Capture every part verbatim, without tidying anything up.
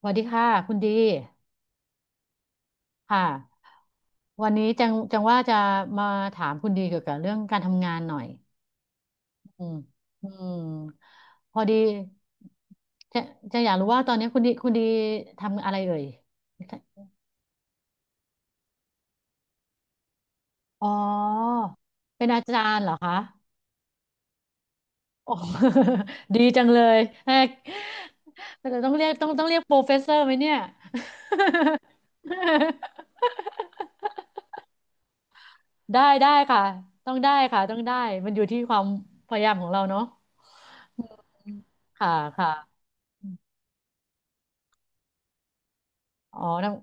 สวัสดีค่ะคุณดีค่ะวันนี้จังจังว่าจะมาถามคุณดีเกี่ยวกับเรื่องการทำงานหน่อยอืมอืมพอดีจะจะอยากรู้ว่าตอนนี้คุณดีคุณดีทำอะไรเอ่ยอ๋อเป็นอาจารย์เหรอคะโอ้ ดีจังเลยแอกแต่ต้องเรียกต้องต้องเรียกโปรเฟสเซอร์ไหมเนี่ย ได้ได้ค่ะต้องได้ค่ะต้องได้มันอยู่ที่ความพยายามของเราเนาะค่ะค่ะอ๋อทั้ง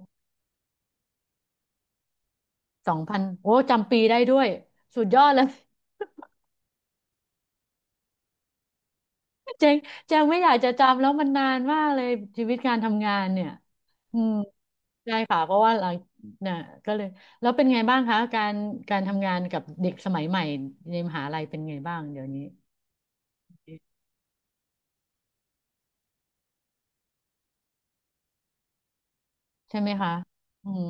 สองพันโอ้จำปีได้ด้วยสุดยอดเลย เจงเจงไม่อยากจะจำแล้วมันนานมากเลยชีวิตการทำงานเนี่ยอืมใช่ค่ะเพราะว่าหลังน่ะก็เลยแล้วเป็นไงบ้างคะการการทำงานกับเด็กสมัยใหม่ในมหาลัยเป็นไงบ้างเดี๋ยวนี้ใช่ไหมคะอืม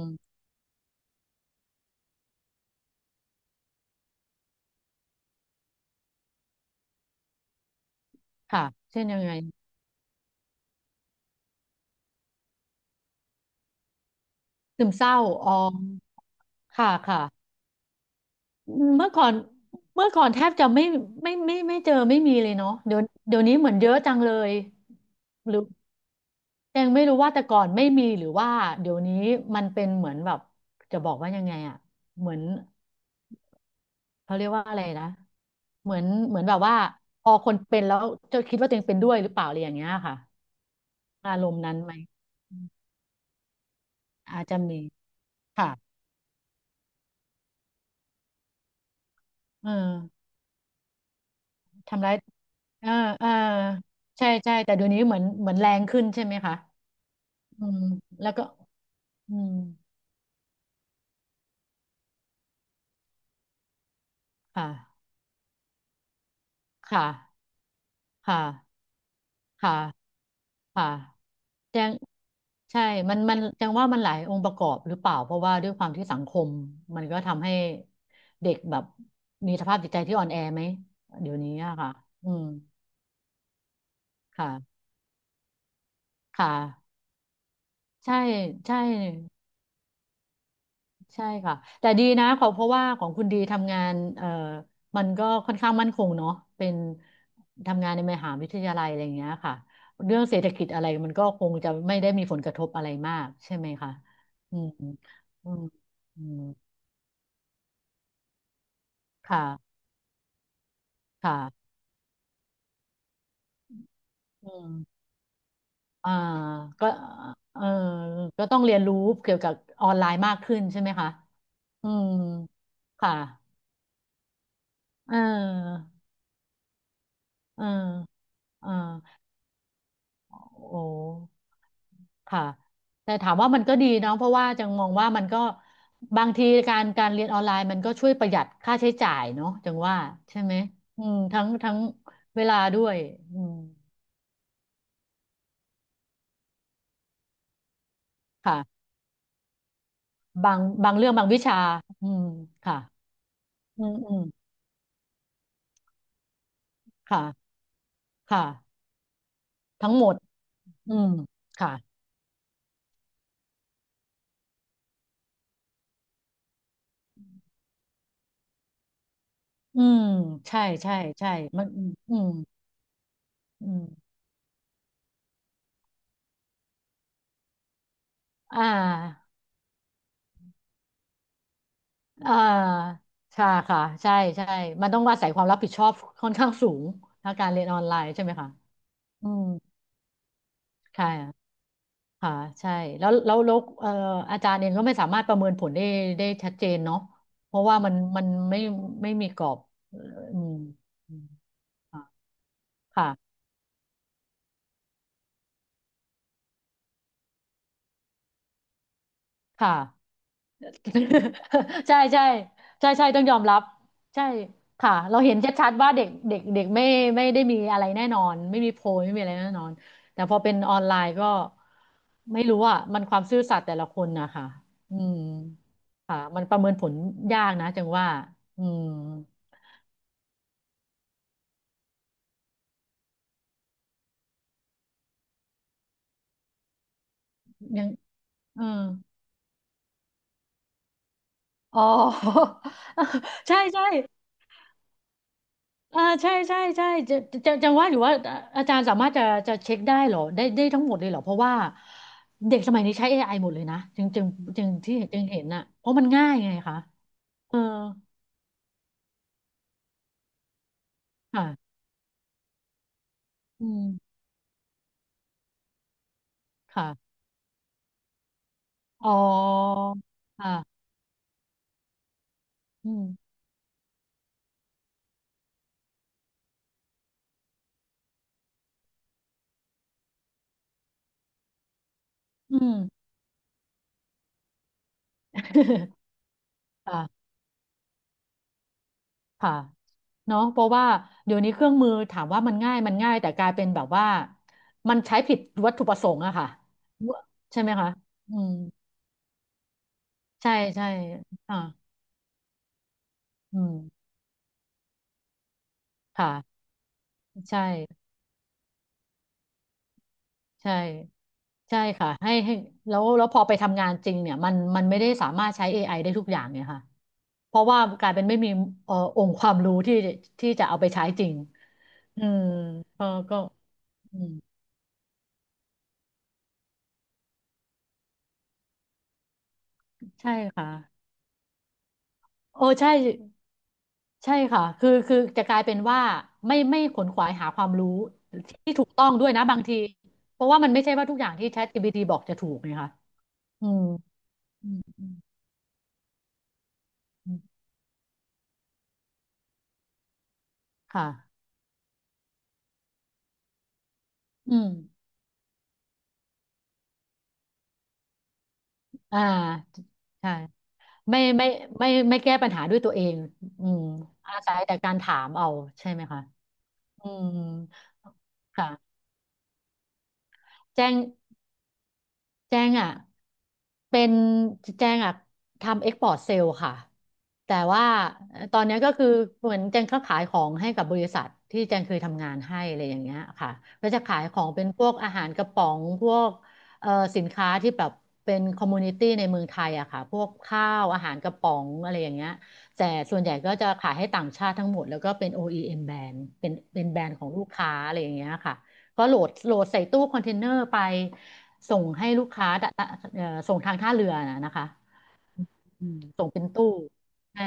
ค่ะเช่นยังไงซึมเศร้าอออค่ะค่ะ เมื่อก่อนเมื่อก่อนแทบจะไม่ไม่ไม่ไม่เจอไม่มีเลยเนาะเดี๋ยวเดี๋ยวนี้เหมือนเยอะจังเลยหรือยังไม่รู้ว่าแต่ก่อนไม่มีหรือว่าเดี๋ยวนี้มันเป็นเหมือนแบบจะบอกว่ายังไงอะเหมือนเขาเรียกว่าอะไรนะเหมือนเหมือนแบบว่าพอคนเป็นแล้วจะคิดว่าตัวเองเป็นด้วยหรือเปล่าอะไรอย่างเงี้ยค่ะอารมณ์นั้นไหมอืมอาจจะมีค่ะเออทำร้ายเออเออใช่ใช่แต่เดี๋ยวนี้เหมือนเหมือนแรงขึ้นใช่ไหมคะ อืมแล้วก็อืมค่ะค่ะค่ะค่ะค่ะแจงใช่มันมันแจงว่ามันหลายองค์ประกอบหรือเปล่าเพราะว่าด้วยความที่สังคมมันก็ทำให้เด็กแบบมีสภาพจิตใจที่อ่อนแอไหมเดี๋ยวนี้อะค่ะอืมค่ะค่ะใช่ใช่ ใช่ค่ะแต่ดีนะขอเพราะว่าของคุณดีทำงานเอ่อมันก็ค่อนข้างมั่นคงเนาะเป็นทำงานในมหาวิทยาลัยอะไรอย่างเงี้ยค่ะเรื่องเศรษฐกิจอะไรมันก็คงจะไม่ได้มีผลกระทบอะไรมากใช่ไหมคะอืมอืมอืมค่ะค่ะอืมอ่าก็เออก็ต้องเรียนรู้เกี่ยวกับออนไลน์มากขึ้นใช่ไหมคะอืมค่ะเออเออเออโอ้ ค่ะแต่ถามว่ามันก็ดีเนาะเพราะว่าจังมองว่ามันก็บางทีการการเรียนออนไลน์มันก็ช่วยประหยัดค่าใช้จ่ายเนาะจังว่าใช่ไหมอืมทั้งทั้งเวลาด้วยอืมค่ะบางบางเรื่องบางวิชาอืมค่ะอืมอืมค่ะค่ะทั้งหมดอืมค่ะอืมใช่ใช่ใช่มันอืมอืมอ่า อ่าใช่ค่ะใช่ใช่มันต้องอาศัยความรับผิดชอบค่อนข้างสูงถ้าการเรียนออนไลน์ใช่ไหมคะอืมใช่อะค่ะใช่แล้วแล้วแล้วเอ่ออาจารย์เองก็ไม่สามารถประเมินผลได้ได้ชัดเจนเนาะเพราะว่ามันมันไม่ไม่มีกรอบอืมอืมค่ะค่ะ ใช่ใช่ใช่ใช่ต้องยอมรับใช่ค่ะเราเห็นชัดๆว่าเด็กเด็กเด็กไม่ไม่ได้มีอะไรแน่นอนไม่มีโพยไม่มีอะไรแน่นอนแต่พอเป็นออนไลน์ก็ไม่รู้อ่ะมันความซื่อสัตย์แต่ละคนนะคะอืมค่ะมันประเมินผลยากนะจังว่าอืมยังเอออ๋อ ใช่ใช่ อ่าใช่ใช่ใช่จะจะจะว่าอยู่ว่าอาอาจารย์สามารถจะจะเช็คได้เหรอได้ได้ทั้งหมดเลยเหรอเพราะว่าเด็กสมัยนี้ใช้ เอ ไอ หมดเลยนะจึงจึงจึงที่จึงเห็นน่ะเพราะมันง่ายไงคะเออค่ะอืมค่ะอ๋อค่ะอืมอืม ค่ะค่ะเนาะเพราะว่าเดี๋ยวนี้เครื่องมือถามว่ามันง่ายมันง่ายแต่กลายเป็นแบบว่ามันใช้ผิดวัตถุประสงค์อะค่ะใช่ไหมคะอืมใช่ใช่อ่าอืม ค่ะใช่ใช่ใช่ค่ะให้ให้แล้วแล้วพอไปทำงานจริงเนี่ยมันมันไม่ได้สามารถใช้ เอ ไอ ไอได้ทุกอย่างเนี่ยค่ะเพราะว่ากลายเป็นไม่มีเอ่อองค์ความรู้ที่ที่จะเอาไปใช้จริงอืมก็ก็อืมใช่ค่ะโอ้ใช่ใช่ค่ะคือคือจะกลายเป็นว่าไม่ไม่ขนขวายหาความรู้ที่ถูกต้องด้วยนะบางทีเพราะว่ามันไม่ใช่ว่าทุกอย่างที่ ChatGPT บอกจะถูกไงคะอืมอืมอืมอืมค่ะอืม อ่าใช่ไม่ไม่ไม่ไม่แก้ปัญหาด้วยตัวเองอืมอาศัยแต่การถามเอาใช่ไหมคะอืมค่ะแจ้ง แจ้งอ่ะเป็นแจ้งอ่ะทำเอ็กพอร์ตเซลค่ะแต่ว่าตอนเนี้ยก็คือเหมือนแจงก็ขายของให้กับบริษัทที่แจงเคยทำงานให้อะไรอย่างเงี้ยค่ะก็จะขายของเป็นพวกอาหารกระป๋องพวกเอ่อสินค้าที่แบบเป็นคอมมูนิตี้ในเมืองไทยอะค่ะพวกข้าวอาหารกระป๋องอะไรอย่างเงี้ยแต่ส่วนใหญ่ก็จะขายให้ต่างชาติทั้งหมดแล้วก็เป็น โอ อี เอ็ม แบรนด์เป็นเป็นแบรนด์ของลูกค้าอะไรอย่างเงี้ยค่ะ ก็โหลดโหลดใส่ตู้คอนเทนเนอร์ไปส่งให้ลูกค้าดะเอ่อส่งทางท่าเรือนะนะคะอืมส่งเป็นตู้ใช่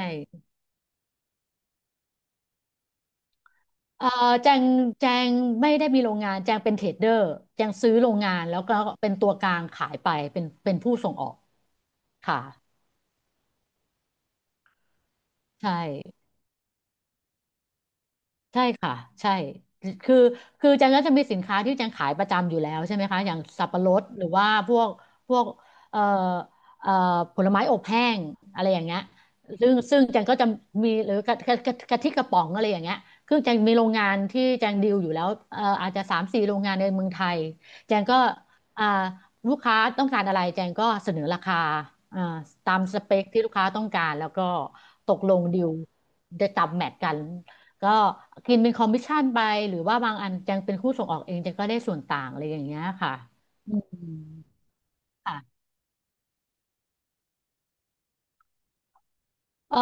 เอ่อแจงแจงไม่ได้มีโรงงานแจงเป็นเทรดเดอร์แจงซื้อโรงงานแล้วก็เป็นตัวกลางขายไปเป็นเป็นผู้ส่งออกค่ะใช่ ใช่ค่ะใช่คือคือจันก็จะมีสินค้าที่จันขายประจำอยู่แล้วใช่ไหมคะอย่างสับปะรดหรือว่าพวกพวกเอ่อเอ่อผลไม้อบแห้งอะไรอย่างเงี้ยซึ่งซึ่งจันก็จะมีหรือกระกระกระกะทิกระป๋องอะไรอย่างเงี้ยคือจันมีโรงงานที่จันดีลอยู่แล้วเอ่ออาจจะสามสี่โรงงานในเมืองไทยจันก็อ่าลูกค้าต้องการอะไรจันก็เสนอราคาอ่าตามสเปคที่ลูกค้าต้องการแล้วก็ตกลงดีลได้ตามแมทกัน ก็กินเป็นคอมมิชชั่นไปหรือว่าบางอันจังเป็นผู้ส่งออกเองจังก็ได้ส่วนต่างอะไรอย่างเงี้ยค่ะอืมค่ะเอ่อ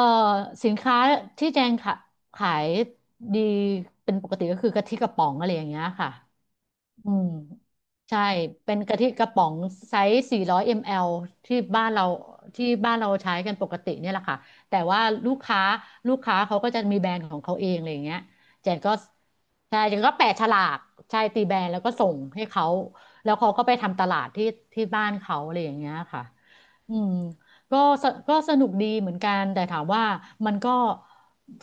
สินค้าที่แจงขาขายดีเป็นปกติก็คือกะทิกระป๋องอะไรอย่างเงี้ยค่ะ อืมใช่เป็นกะทิกระป๋องไซส์ สี่ร้อยมิลลิลิตร ที่บ้านเราที่บ้านเราใช้กันปกติเนี่ยแหละค่ะแต่ว่าลูกค้าลูกค้าเขาก็จะมีแบรนด์ของเขาเองอะไรอย่างเงี้ยเจนก็ใช่เจนก็แปะฉลากใช่ตีแบรนด์แล้วก็ส่งให้เขาแล้วเขาก็ไปทำตลาดที่ที่บ้านเขาอะไรอย่างเงี้ยค่ะอืมก็สก็สนุกดีเหมือนกันแต่ถามว่ามันก็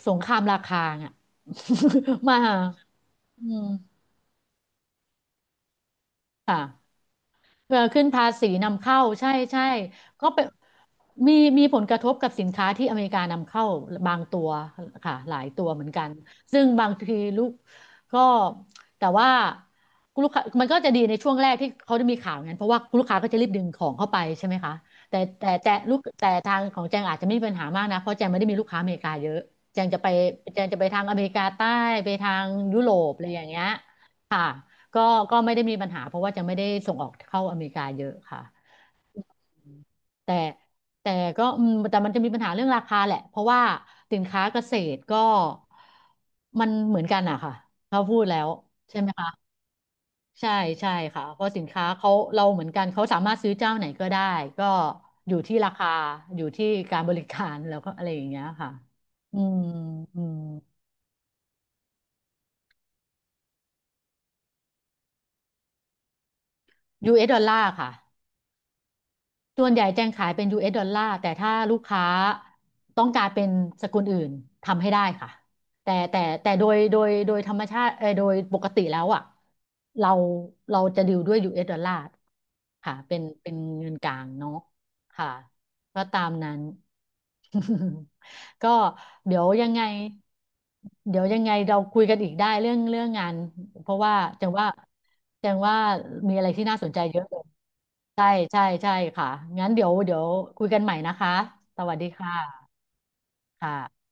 สงครามราคาอ่ะ มาอืมค่ะ เออขึ้นภาษีนำเข้าใช่ใช่ก็เป็นมีมีผลกระทบกับสินค้าที่อเมริกานำเข้าบางตัวค่ะหลายตัวเหมือนกันซึ่งบางทีลูกก็แต่ว่าลูกค้ามันก็จะดีในช่วงแรกที่เขาจะมีข่าวงั้นเพราะว่าลูกค้าก็จะรีบดึงของเข้าไปใช่ไหมคะแต่แต่แต่ลูกแต่ทางของแจงอาจจะไม่มีปัญหามากนะเพราะแจงไม่ได้มีลูกค้าอเมริกาเยอะแจงจะไปแจงจะไปทางอเมริกาใต้ไปทางยุโรปอะไรอย่างเงี้ยค่ะ ก็ก็ไม่ได้มีปัญหาเพราะว่าจะไม่ได้ส่งออกเข้าอเมริกาเยอะค่ะแต่แต่ก็อืมแต่มันจะมีปัญหาเรื่องราคาแหละเพราะว่าสินค้าเกษตรก็มันเหมือนกันอะค่ะเขาพูดแล้วใช่ไหมคะใช่ใช่ค่ะเพราะสินค้าเขาเราเหมือนกันเขาสามารถซื้อเจ้าไหนก็ได้ก็อยู่ที่ราคาอยู่ที่การบริการแล้วก็อะไรอย่างเงี้ยค่ะอืมอืมยูเอสดอลลาร์ค่ะ ส่วนใหญ่แจงขายเป็น ยู เอส ดอลลาร์แต่ถ้าลูกค้าต้องการเป็นสกุลอื่นทำให้ได้ค่ะแต่แต่แต่โดยโดยโดยธรรมชาติเออโดยปกติแล้วอ่ะเราเราจะดิวด้วย ยู เอส ดอลลาร์ค่ะเป็นเป็นเงินกลางเนาะค่ะก็ตามนั้น ก็เดี๋ยวยังไงเดี๋ยวยังไงเราคุยกันอีกได้เรื่องเรื่องงานเพราะว่าจังว่าจังว่ามีอะไรที่น่าสนใจเยอะเลยใช่ใช่ใช่ค่ะงั้นเดี๋ยวเดี๋ยวคุยกันใหม่นะคะสวัสดีค่ะค่ะ